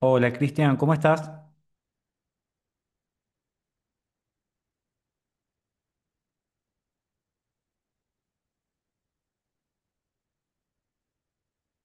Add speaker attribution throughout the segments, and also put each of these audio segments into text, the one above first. Speaker 1: Hola Cristian, ¿cómo estás?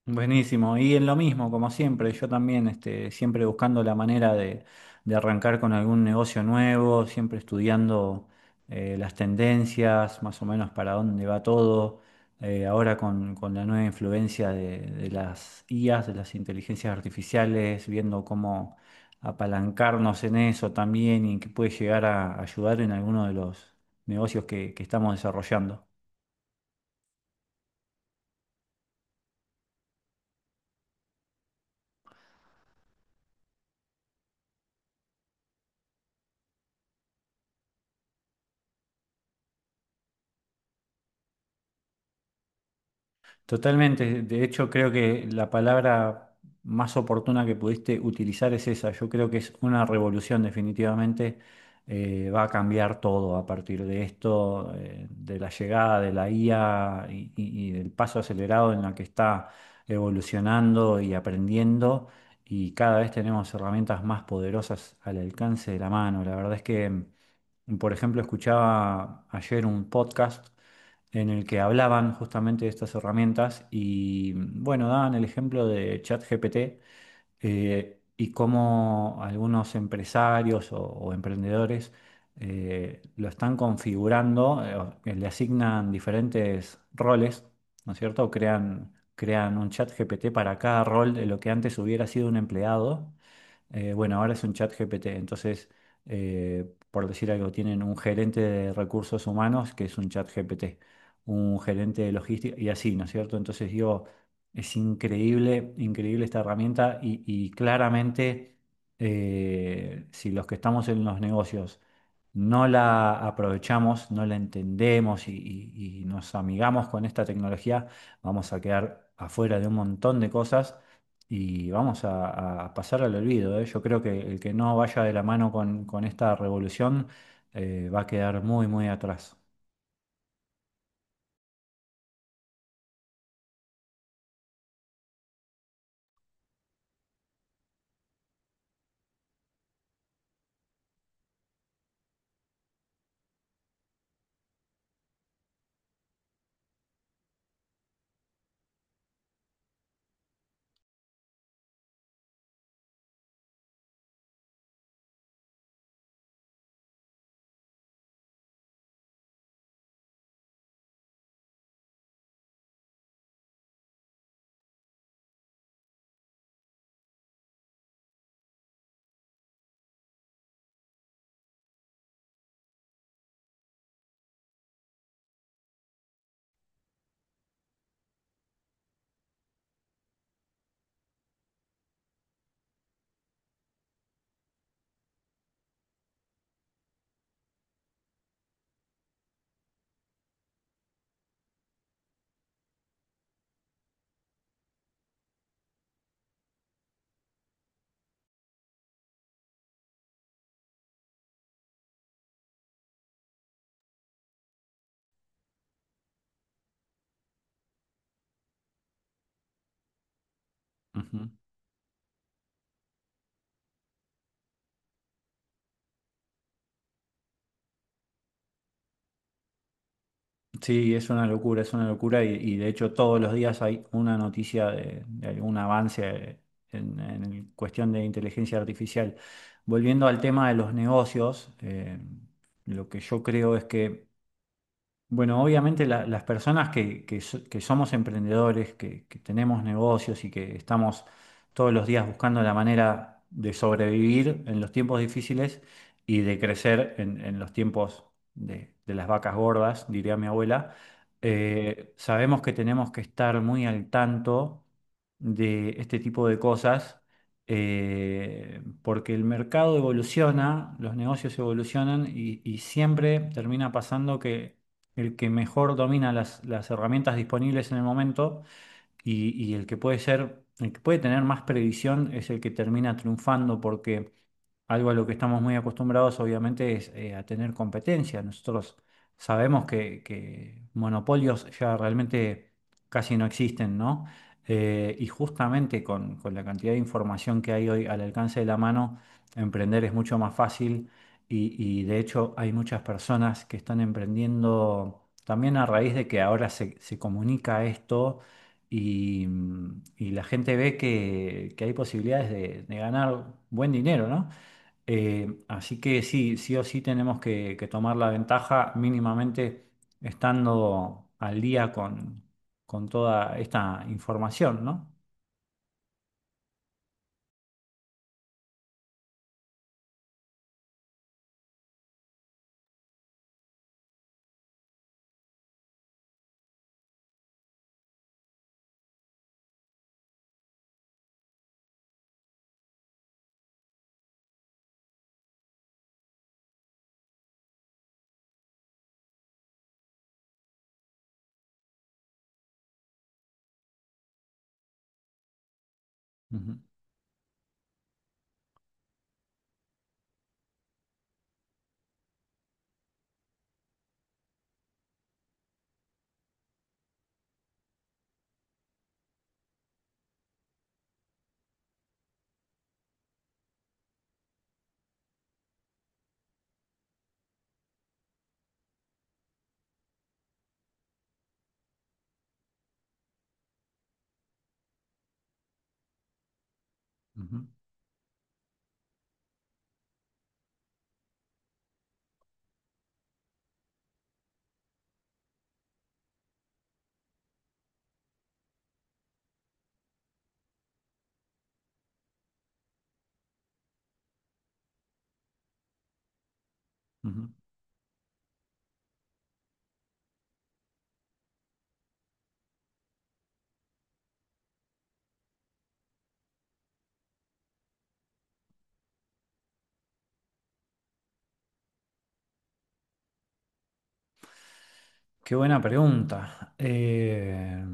Speaker 1: Buenísimo, y en lo mismo, como siempre, yo también siempre buscando la manera de arrancar con algún negocio nuevo, siempre estudiando las tendencias, más o menos para dónde va todo. Ahora con la nueva influencia de las IAs, de las inteligencias artificiales, viendo cómo apalancarnos en eso también y que puede llegar a ayudar en alguno de los negocios que estamos desarrollando. Totalmente. De hecho, creo que la palabra más oportuna que pudiste utilizar es esa. Yo creo que es una revolución, definitivamente. Va a cambiar todo a partir de esto, de la llegada de la IA y del paso acelerado en la que está evolucionando y aprendiendo. Y cada vez tenemos herramientas más poderosas al alcance de la mano. La verdad es que, por ejemplo, escuchaba ayer un podcast en el que hablaban justamente de estas herramientas y bueno, daban el ejemplo de ChatGPT, y cómo algunos empresarios o emprendedores lo están configurando, o que le asignan diferentes roles, ¿no es cierto? Crean un ChatGPT para cada rol de lo que antes hubiera sido un empleado. Bueno, ahora es un chat GPT. Entonces, por decir algo, tienen un gerente de recursos humanos que es un chat GPT, un gerente de logística y así, ¿no es cierto? Entonces digo, es increíble, increíble esta herramienta y claramente, si los que estamos en los negocios no la aprovechamos, no la entendemos y nos amigamos con esta tecnología, vamos a quedar afuera de un montón de cosas y vamos a pasar al olvido, ¿eh? Yo creo que el que no vaya de la mano con esta revolución, va a quedar muy, muy atrás. Ujú. Sí, es una locura y de hecho todos los días hay una noticia de algún avance en cuestión de inteligencia artificial. Volviendo al tema de los negocios, lo que yo creo es que, bueno, obviamente las personas que, que somos emprendedores, que tenemos negocios y que estamos todos los días buscando la manera de sobrevivir en los tiempos difíciles y de crecer en los tiempos de las vacas gordas, diría mi abuela, sabemos que tenemos que estar muy al tanto de este tipo de cosas, porque el mercado evoluciona, los negocios evolucionan y siempre termina pasando que el que mejor domina las herramientas disponibles en el momento y el que puede ser, el que puede tener más previsión es el que termina triunfando porque algo a lo que estamos muy acostumbrados, obviamente, es a tener competencia. Nosotros sabemos que monopolios ya realmente casi no existen, ¿no? Y justamente con la cantidad de información que hay hoy al alcance de la mano, emprender es mucho más fácil y, y de hecho hay muchas personas que están emprendiendo también a raíz de que ahora se comunica esto y, y la gente ve que hay posibilidades de ganar buen dinero, ¿no? Así que sí, sí o sí tenemos que tomar la ventaja mínimamente estando al día con toda esta información, ¿no? Ujú, ujú, ujú. Qué buena pregunta.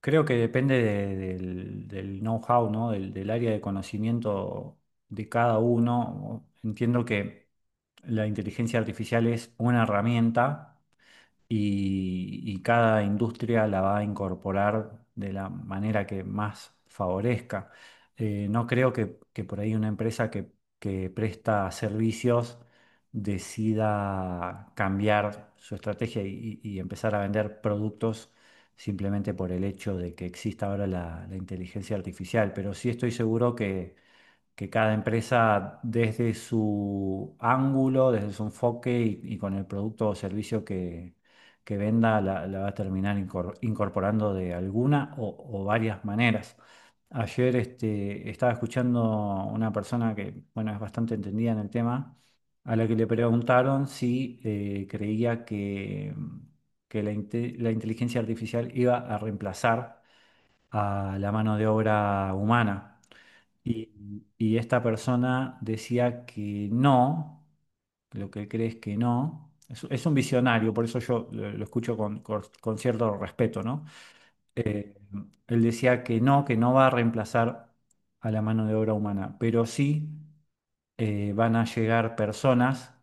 Speaker 1: Creo que depende del know-how, ¿no? Del, del área de conocimiento de cada uno. Entiendo que la inteligencia artificial es una herramienta y cada industria la va a incorporar de la manera que más favorezca. No creo que por ahí una empresa que presta servicios decida cambiar su estrategia y empezar a vender productos simplemente por el hecho de que exista ahora la, la inteligencia artificial, pero sí estoy seguro que cada empresa desde su ángulo, desde su enfoque y con el producto o servicio que venda la, la va a terminar incorporando de alguna o varias maneras. Ayer estaba escuchando una persona que, bueno, es bastante entendida en el tema, a la que le preguntaron si creía que la, la inteligencia artificial iba a reemplazar a la mano de obra humana. Y esta persona decía que no, lo que él cree es que no. Es un visionario, por eso yo lo escucho con, con cierto respeto, ¿no? Él decía que no va a reemplazar a la mano de obra humana, pero sí van a llegar personas,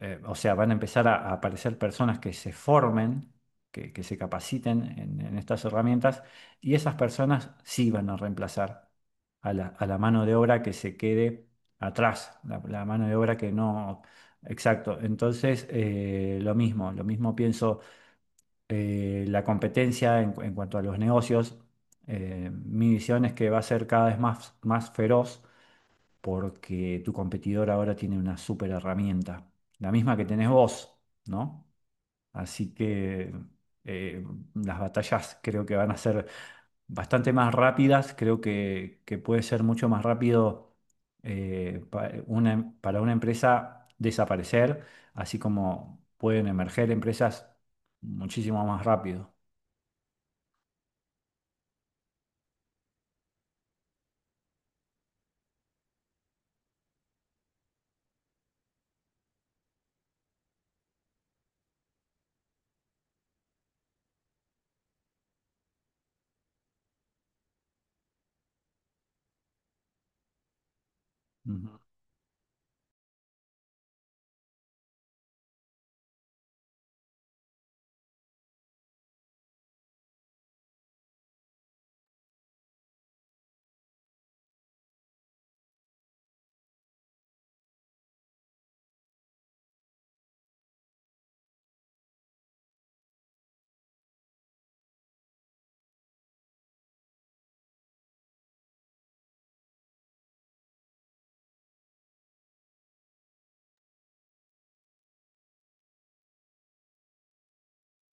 Speaker 1: o sea, van a empezar a aparecer personas que se formen, que se capaciten en estas herramientas, y esas personas sí van a reemplazar a la mano de obra que se quede atrás, la mano de obra que no... Exacto, entonces lo mismo pienso. La competencia en, en cuanto a los negocios, mi visión es que va a ser cada vez más, más feroz porque tu competidor ahora tiene una super herramienta, la misma que tenés vos, ¿no? Así que eh, las batallas creo que van a ser bastante más rápidas, creo que puede ser mucho más rápido, para una empresa desaparecer, así como pueden emerger empresas muchísimo más rápido. Ujú.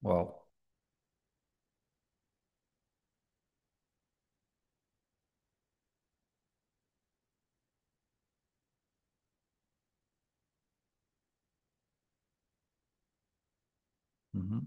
Speaker 1: Wow. Ujú.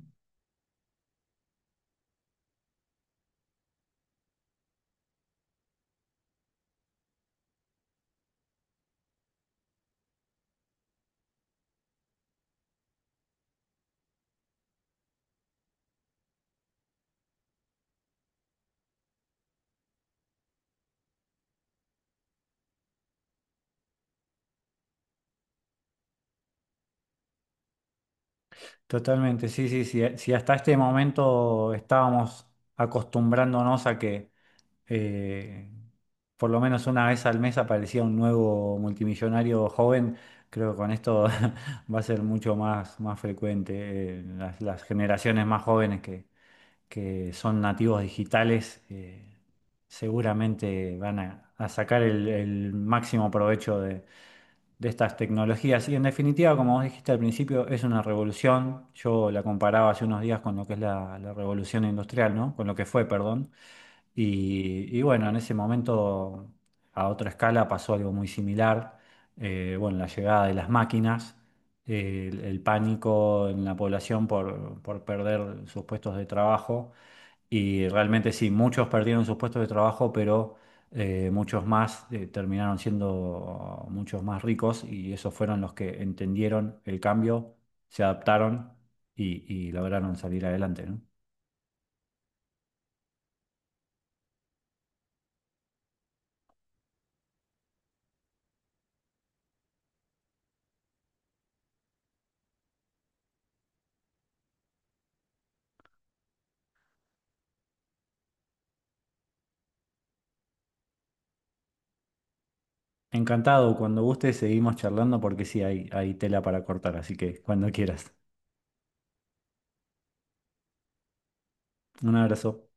Speaker 1: Totalmente, sí, sí, sí. Si hasta este momento estábamos acostumbrándonos a que eh, por lo menos una vez al mes aparecía un nuevo multimillonario joven, creo que con esto va a ser mucho más, más frecuente. Las generaciones más jóvenes que son nativos digitales, seguramente van a sacar el máximo provecho de estas tecnologías. Y en definitiva, como vos dijiste al principio, es una revolución. Yo la comparaba hace unos días con lo que es la, la revolución industrial, ¿no? Con lo que fue, perdón. Y bueno, en ese momento, a otra escala, pasó algo muy similar. Bueno, la llegada de las máquinas, el pánico en la población por perder sus puestos de trabajo y realmente sí, muchos perdieron sus puestos de trabajo, pero muchos más terminaron siendo muchos más ricos y esos fueron los que entendieron el cambio, se adaptaron y lograron salir adelante, ¿no? Encantado, cuando guste seguimos charlando porque sí, hay tela para cortar, así que cuando quieras. Un abrazo.